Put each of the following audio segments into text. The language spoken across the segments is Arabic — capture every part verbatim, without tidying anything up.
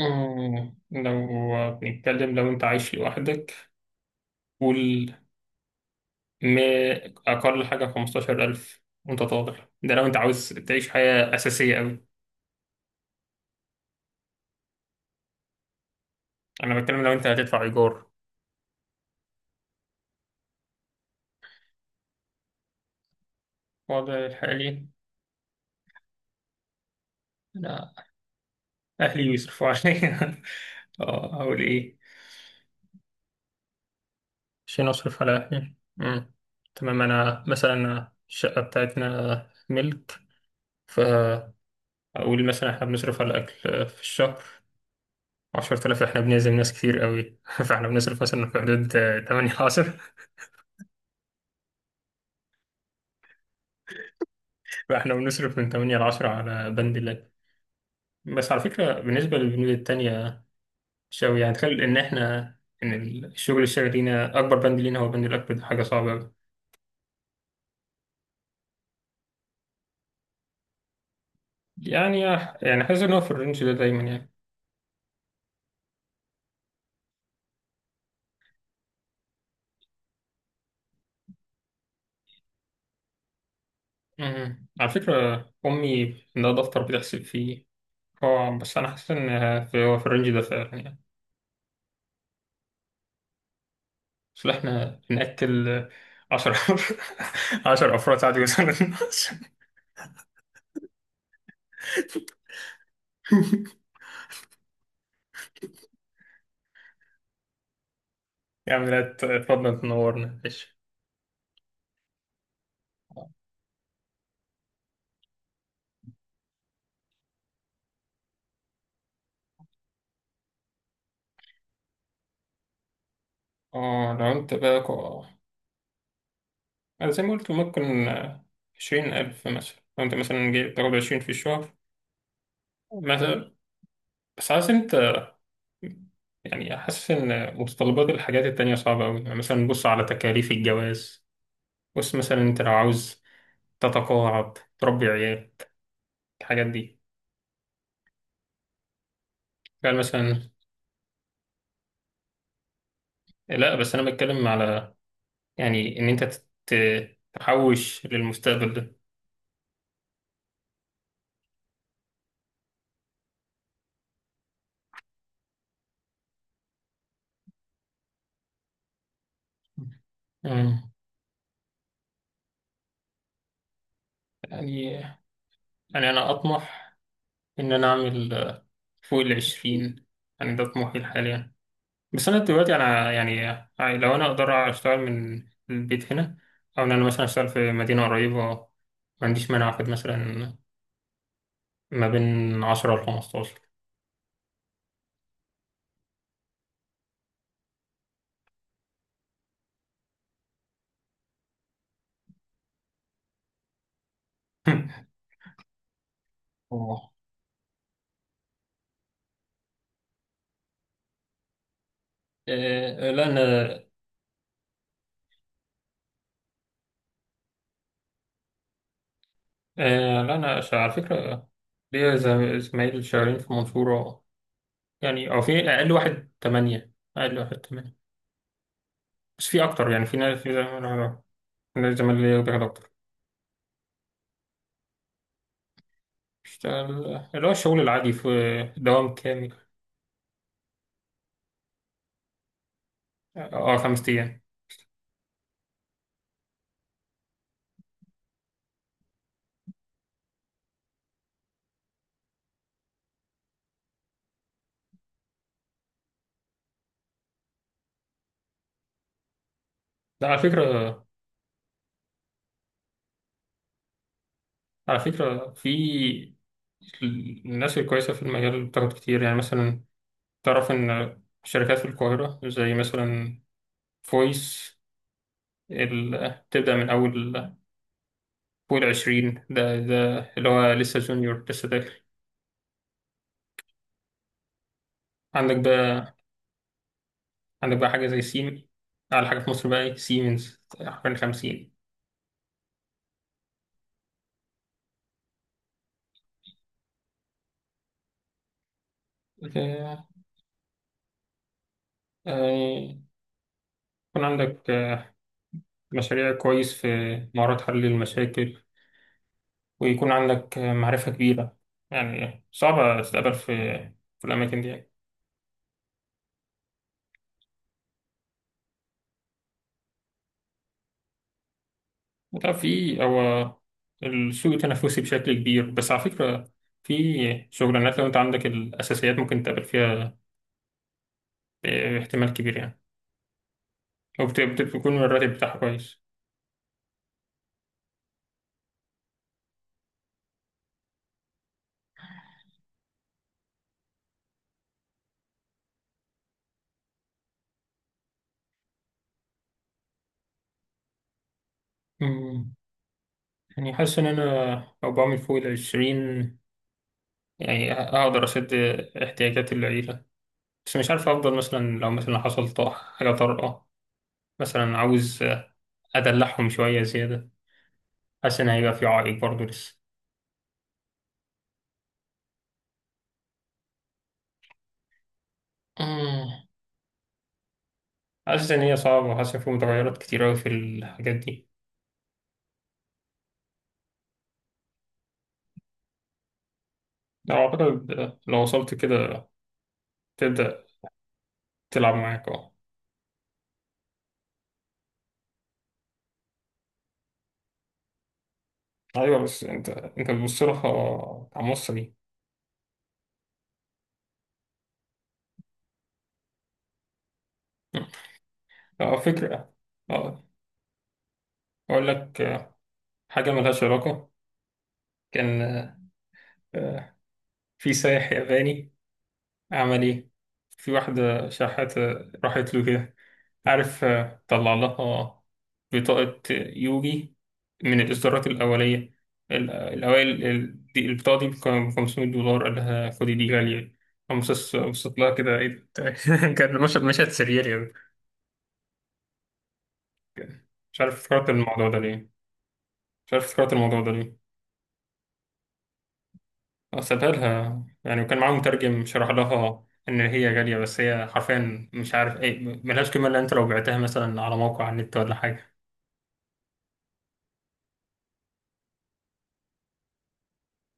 مم، لو بنتكلم، لو انت عايش لوحدك، قول ما اقل حاجه خمستاشر ألف وانت طالع. ده لو انت عاوز تعيش حياه اساسيه قوي. انا بتكلم لو انت هتدفع ايجار. الوضع الحالي، انا اهلي بيصرفوا عليا. اه، اقول ايه؟ عشان اصرف على اهلي. مم. تمام، انا مثلا الشقه بتاعتنا ملك، فاقول مثلا احنا بنصرف على الاكل في الشهر عشر آلاف. احنا بنعزم ناس كتير قوي فاحنا بنصرف مثلا في حدود آه، ثمانية ل عشرة. فاحنا بنصرف من ثمانية ل عشرة على بند اللاب. بس على فكرة، بالنسبة للبنود التانية شوي، يعني تخيل ان احنا ان الشغل الشاغل لينا، اكبر بند لينا هو بند الاكبر، ده حاجة صعبة قوي. يعني يعني حاسس ان هو في الرينج ده دايما يعني. مم. على فكرة، امي عندها دفتر بتحسب فيه. هو بس انا حاسس ان في- هو في الرينج ده فعلا يعني. بس احنا بنأكل عشرة عشرة افراد عادي مثلا. يا عم لا، اتفضل تنورنا، ماشي. اه، لو انت بقى كو- أنا زي ما قلت ممكن عشرين ألف مثلا. لو انت مثلا جاي تاخد عشرين في الشهر مثلا. بس عايز انت، يعني حاسس إن متطلبات الحاجات التانية صعبة أوي. يعني مثلا بص على تكاليف الجواز. بص مثلا، أنت لو عاوز تتقاعد، تربي عيال، الحاجات دي. قال مثلا. لا، بس أنا بتكلم على يعني إن أنت تت- تحوش للمستقبل ده. مم. يعني يعني أنا أطمح إن أنا أعمل، آه، فوق العشرين. يعني ده طموحي حاليا. بس أنا دلوقتي أنا يعني يعني لو أنا أقدر أشتغل من البيت هنا، أو إن أنا مثلا أشتغل في مدينة قريبة، ما عنديش مانع أخد مثلا ما بين عشرة لخمستاشر. أوه. آه، لا أنا آه، لا أنا ش- على فكرة ليا زم- زمايل شغالين في المنصورة. يعني أو في أقل واحد تمانية، أقل واحد تمانية. بس في أكتر، يعني في ناس، في زمايل أنا- أنا زمايل ليا بياخدوا أكتر. اشتغل اللي هو الشغل العادي في دوام كامل. اه، آه، خمس أيام. ده على فكرة على فكرة في الناس الكويسة في المجال بتاخد كتير. يعني مثلا تعرف إن شركات في القاهرة زي مثلا فويس، ال- تبدأ من أول فوق العشرين. ده ده اللي هو لسه جونيور، لسه داخل. عندك بقى عندك بقى حاجة زي سيم. أعلى حاجة في مصر بقى سيمنز حوالي خمسين. آه، يعني يكون عندك آه، مشاريع كويس في مهارات حل المشاكل، ويكون عندك معرفة كبيرة. يعني صعبة تتقابل في في الأماكن دي يعني. وطبعا في هو السوق التنافسي بشكل كبير. بس على فكرة، في شغلانات لو أنت عندك الأساسيات ممكن تقابل فيها احتمال كبير يعني، وبتكون الراتب بتاعها كويس. أمم، يعني حاسس إن أنا لو بعمل فوق العشرين، يعني أقدر أسد احتياجات العيلة. بس مش عارف أفضل مثلا لو مثلا حصل طا- حاجة طارئة، مثلا عاوز أدلعهم شوية زيادة. حاسس إن هيبقى في عائق برضه لسه. مم. حاسس إن هي صعبة، وحاسس إن في متغيرات كتير أوي في الحاجات دي. لو أعتقد لو وصلت كده تبدأ تلعب معاك أه. أيوة، بس أنت أنت بتبص لها كمصري. أه، فكرة. أه، أقول لك آه، حاجة ملهاش علاقة. كان آه، في سايح ياباني، عمل إيه؟ في واحدة شحاتة راحت له كده. عارف، آه، طلع لها بطاقة يوجي من الإصدارات الأولية، ال- الأوائل، ال- دي- البطاقة دي ب خمسمائة دولار، قال لها خدي دي غالية. قامت بصت لها، كده إيه ده؟ كان مشهد مشهد سرير يعني. مش عارف افتكرت الموضوع ده ليه. مش عارف افتكرت الموضوع ده ليه. آه، سابها لها يعني، وكان معاه مترجم شرح لها إن هي غالية، بس هي حرفيا مش عارف إيه، ملهاش قيمة إلا أنت لو بعتها مثلا على موقع على النت ولا حاجة.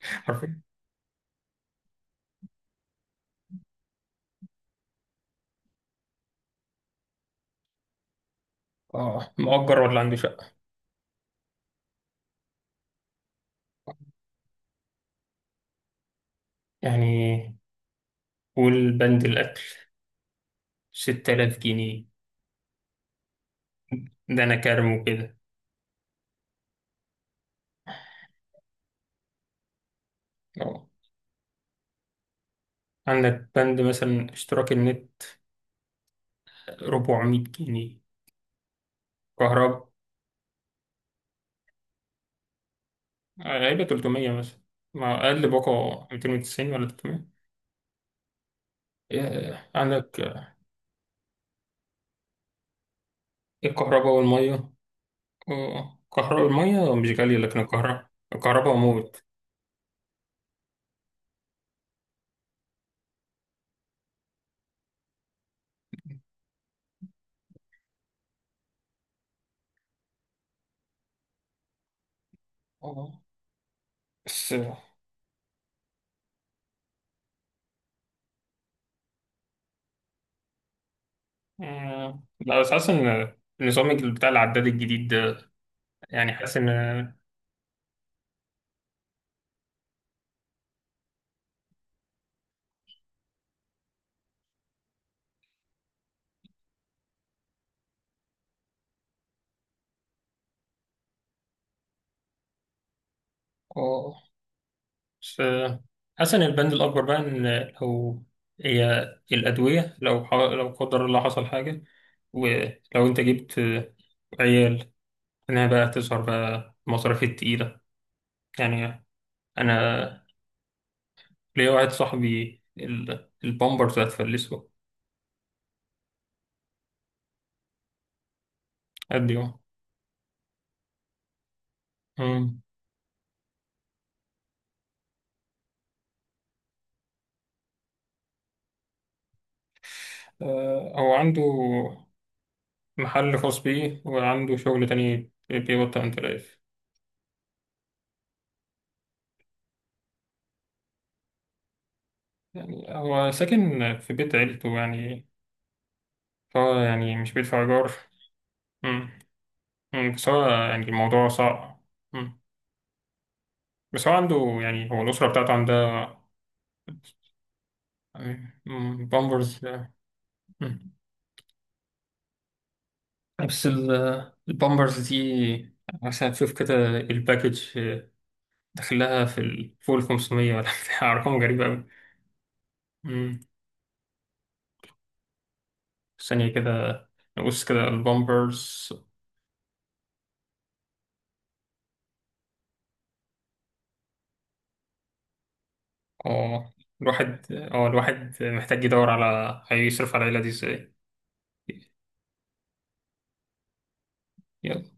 حرفيا. اه، مؤجر ولا عنده شقة؟ يعني، والبند الأكل ستة آلاف جنيه. ده أنا كارمه كده. أه، عندك بند مثلا اشتراك النت ربعمية جنيه. كهرباء غالبا تلتمية مثلا، مع أقل باقة ميتين وتسعين ولا تلتمية. آه، عندك آه، الكهرباء والمية. آه، الكهرباء والمية مش غالية، لكن الكهرباء الكهرباء موت. آه، بس آه، لا بس حاسس إن النظام بتاع العداد الجديد ده، يعني حاسس إن، آه، بس آه، حسن البند الأكبر بقى إن لو هي الأدوية، لو ح- لو قدر الله حصل حاجة، ولو أنت جبت آه، عيال، إنها بقى تظهر بقى المصاريف التقيلة. يعني أنا ليا واحد صاحبي، ال- البامبرز هتفلسه. قد يوم. مم. آه، هو عنده محل خاص بيه وعنده شغل تاني بيقبض تمانية آلاف. يعني هو ساكن في بيت عيلته يعني، فهو يعني مش بيدفع إيجار. مم، بس هو يعني الموضوع صعب. مم. بس هو عنده، يعني هو الأسرة بتاعته عندها. يعني، مم، بامبرز. مم. بس ال- البامبرز دي، مثلا تشوف كده الباكج داخلها في ال- فوق ال خمسمية ولا بتاع أرقام غريبة أوي. مم. ثانية كده، نبص كده البامبرز. اه الواحد اه الواحد محتاج يدور على هيصرف على العيلة دي ازاي. يلا.